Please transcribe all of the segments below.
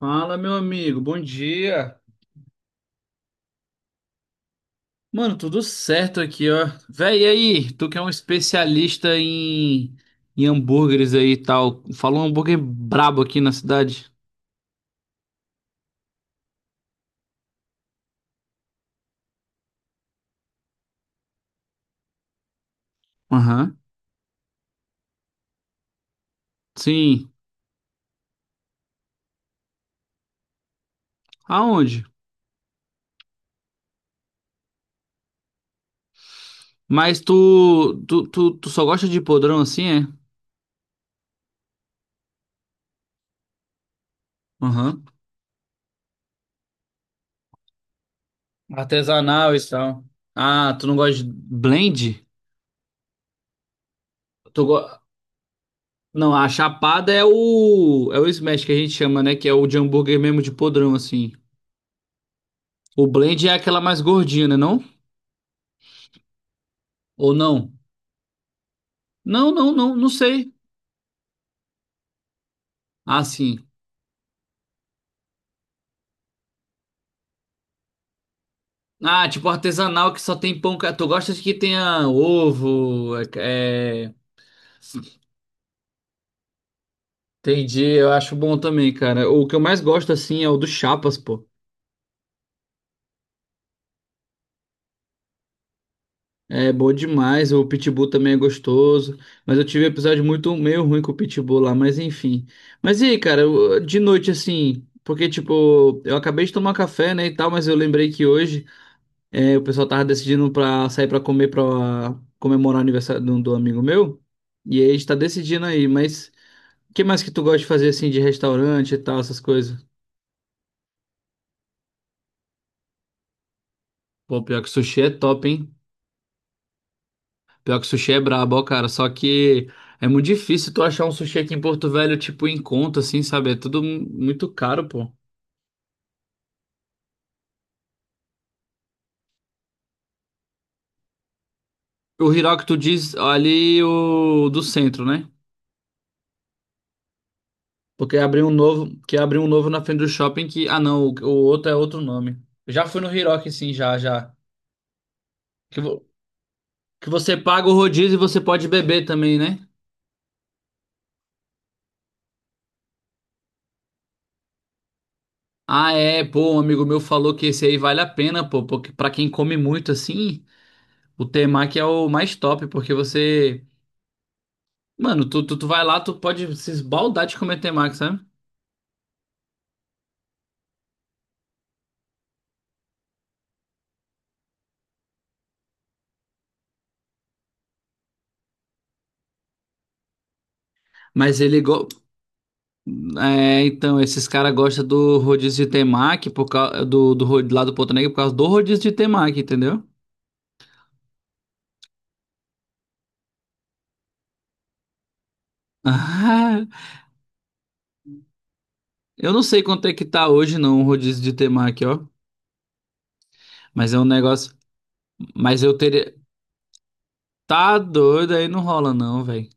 Fala, meu amigo, bom dia. Mano, tudo certo aqui, ó. Véi, e aí? Tu que é um especialista em hambúrgueres aí e tal. Falou um hambúrguer brabo aqui na cidade. Aham. Sim. Aonde? Mas tu só gosta de podrão assim, é? Aham. Artesanal e tal. Ah, tu não gosta de blend? Tu go... Não, a chapada é o smash que a gente chama, né? Que é o de hambúrguer mesmo de podrão, assim. O blend é aquela mais gordinha, né, não? Ou não? Não, não sei. Ah, sim. Ah, tipo artesanal que só tem pão. Ca- tu gosta de que tenha ovo? Entendi, eu acho bom também, cara. O que eu mais gosto, assim, é o do Chapas, pô. É bom demais. O Pitbull também é gostoso. Mas eu tive um episódio muito meio ruim com o Pitbull lá, mas enfim. Mas e aí, cara, eu- de noite, assim. Porque, tipo, eu acabei de tomar café, né, e tal, mas eu lembrei que hoje. É, o pessoal tava decidindo pra sair pra comer pra comemorar o aniversário do, do amigo meu. E aí a gente tá decidindo aí, mas o que mais que tu gosta de fazer assim de restaurante e tal, essas coisas? Pô, pior que sushi é top, hein? Pior que sushi é brabo, ó, cara. Só que é muito difícil tu achar um sushi aqui em Porto Velho, tipo, em conta, assim, sabe? É tudo mu- muito caro, pô. O Hiroki, tu diz ali o do centro, né? Porque abriu um novo, que abriu um novo na frente do shopping que. Ah, não, o outro é outro nome. Eu já fui no Hiroki, sim, já. Que, vo- que você paga o rodízio e você pode beber também, né? Ah, é, pô, um amigo meu falou que esse aí vale a pena, pô, porque pra quem come muito assim, o temaki é o mais top, porque você, mano, tu vai lá, tu pode se esbaldar de comer temaki, sabe? Mas ele, go... é, então, esses caras gostam do rodízio de temaki, por causa do, do, ro- lá do Porto Negro, por causa do rodízio de temaki, entendeu? Ah, eu não sei quanto é que tá hoje, não, o rodízio de temaki, ó, mas é um negócio, mas eu teria. Tá doido, aí não rola não, velho.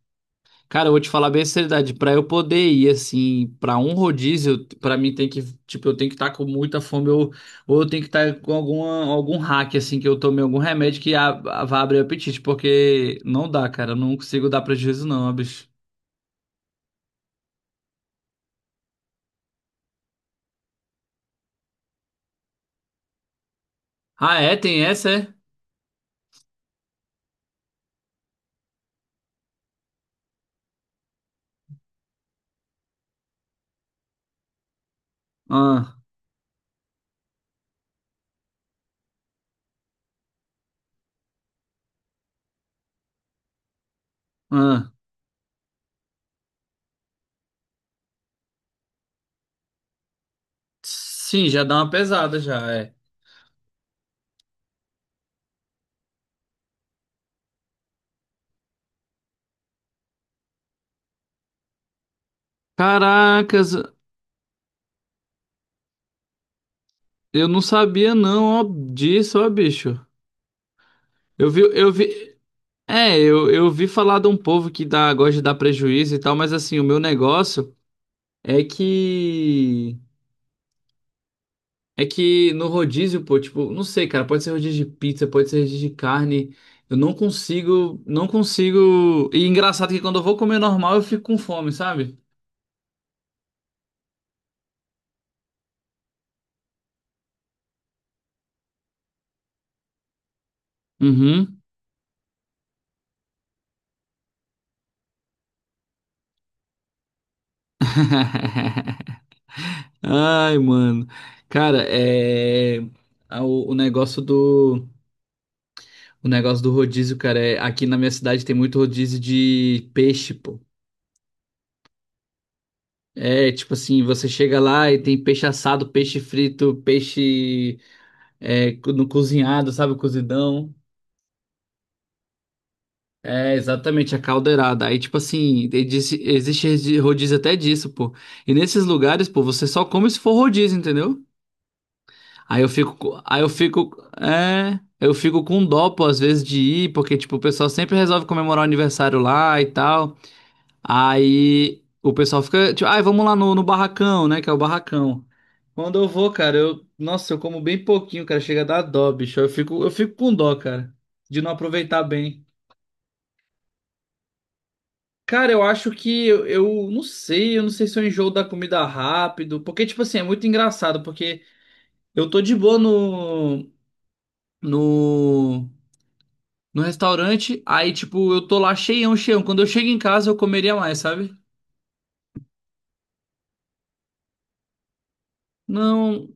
Cara, eu vou te falar bem a seriedade, pra eu poder ir assim, pra um rodízio, eu- pra mim tem que, tipo, eu tenho que estar com muita fome ou eu tenho que estar com alguma, algum hack assim que eu tomei algum remédio que a- vá abrir o apetite, porque não dá, cara, eu não consigo dar prejuízo não, ó, bicho. Ah, é, tem essa, é? Ah, ah. Sim, já dá uma pesada já, é. Caracas, eu não sabia não, ó, disso, ó, bicho. Eu vi. É, eu vi falar de um povo que dá, gosta de dar prejuízo e tal, mas assim, o meu negócio é que. É que no rodízio, pô, tipo, não sei, cara, pode ser rodízio de pizza, pode ser rodízio de carne. Eu não consigo. E engraçado que quando eu vou comer normal, eu fico com fome, sabe? Uhum. Ai, mano. Cara, é. A- o negócio do. O negócio do rodízio, cara, é. Aqui na minha cidade tem muito rodízio de peixe, pô. É, tipo assim, você chega lá e tem peixe assado, peixe frito, peixe é, co- no cozinhado, sabe, o cozidão. É, exatamente, a caldeirada. Aí, tipo assim, e disse- existe resi- rodízio até disso, pô. E nesses lugares, pô, você só come se for rodízio, entendeu? Aí eu fico, co- aí eu fico, é, eu fico com dó, pô, às vezes de ir, porque, tipo, o pessoal sempre resolve comemorar o aniversário lá e tal. Aí o pessoal fica, tipo, ai, vamos lá no barracão, né, que é o barracão. Quando eu vou, cara, eu, nossa, eu como bem pouquinho, cara, chega a dar dó, bicho. Eu fico com dó, cara, de não aproveitar bem. Cara, eu acho que eu não sei, eu não sei se eu enjoo da comida rápido, porque tipo assim, é muito engraçado, porque eu tô de boa no no restaurante, aí tipo, eu tô lá cheião, cheião. Quando eu chego em casa, eu comeria mais, sabe? Não,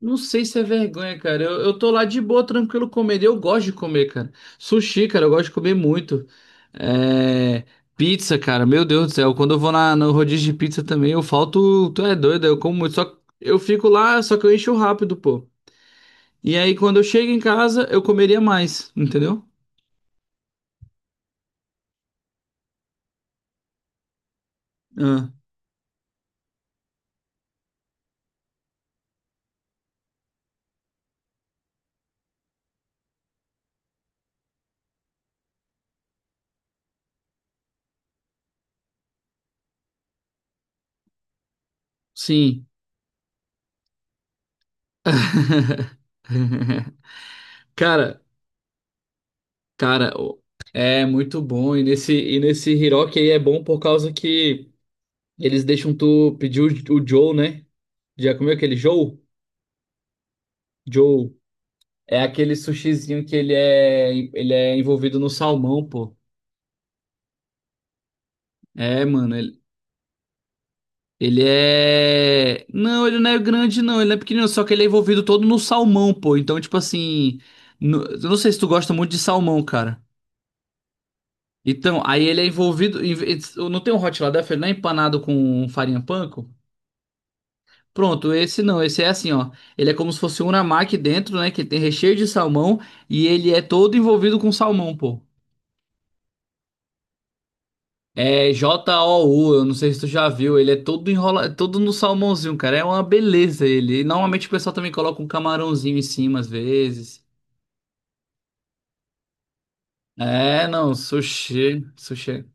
não sei se é vergonha, cara. Eu tô lá de boa, tranquilo, comendo. Eu gosto de comer, cara. Sushi, cara, eu gosto de comer muito. É... Pizza, cara, meu Deus do céu. Quando eu vou na, no rodízio de pizza também, eu falto. Tu é doido, eu como muito. Só que eu fico lá, só que eu encho rápido, pô. E aí, quando eu chego em casa, eu comeria mais, entendeu? Ah, sim. Cara, cara, o- é muito bom. E nesse Hiroki aí é bom por causa que. Eles deixam tu pedir o Joe, né? Já comeu aquele Joe? Joe. É aquele sushizinho que ele é envolvido no salmão, pô. É, mano, ele é. Não, ele não é grande, não. Ele não é pequenino, só que ele é envolvido todo no salmão, pô. Então, tipo assim. No- eu não sei se tu gosta muito de salmão, cara. Então, aí ele é envolvido. Em- em- não tem um hot lá dentro, ele não é empanado com farinha panko? Pronto, esse não, esse é assim, ó. Ele é como se fosse um unamaki dentro, né? Que tem recheio de salmão e ele é todo envolvido com salmão, pô. É J-O-U, eu não sei se tu já viu. Ele é todo enrola, todo no salmãozinho, cara. É uma beleza ele. E normalmente o pessoal também coloca um camarãozinho em cima às vezes. É, não, sushi, sushi.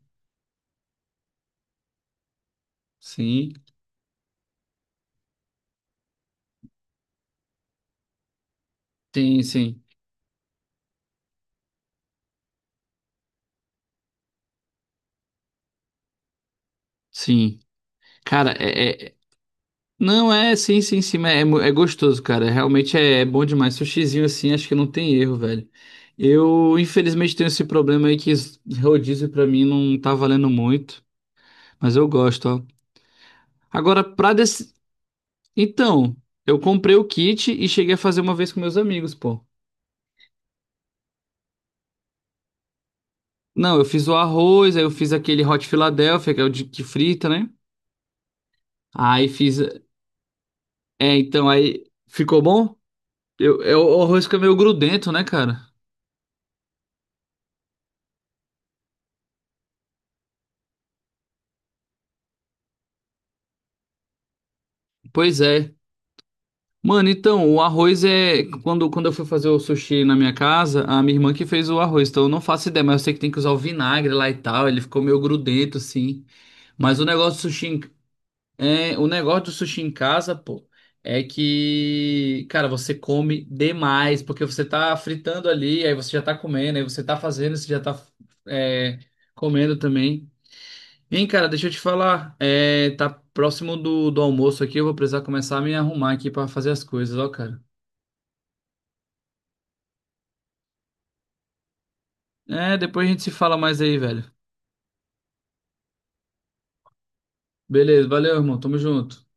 Sim, sim, sim, sim. Cara, é. Não, é, sim, mas é, mu- é gostoso, cara. Realmente é bom demais. Sushizinho assim, acho que não tem erro, velho. Eu, infelizmente, tenho esse problema aí que esse rodízio pra mim não tá valendo muito, mas eu gosto, ó. Agora, pra desse... Então, eu comprei o kit e cheguei a fazer uma vez com meus amigos, pô. Não, eu fiz o arroz, aí eu fiz aquele Hot Philadelphia, que é o de que frita, né? Aí fiz... É, então, aí... Ficou bom? O arroz fica meio grudento, né, cara? Pois é. Mano, então, o arroz é. Quando eu fui fazer o sushi na minha casa, a minha irmã que fez o arroz, então eu não faço ideia, mas eu sei que tem que usar o vinagre lá e tal, ele ficou meio grudento, assim. Mas o negócio do sushi em... é... o negócio do sushi em casa, pô, é que, cara, você come demais, porque você tá fritando ali, aí você já tá comendo, aí você tá fazendo, você já tá é, comendo também. Hein, cara, deixa eu te falar, é, tá próximo do, do almoço aqui, eu vou precisar começar a me arrumar aqui pra fazer as coisas, ó, cara. É, depois a gente se fala mais aí, velho. Beleza, valeu, irmão. Tamo junto.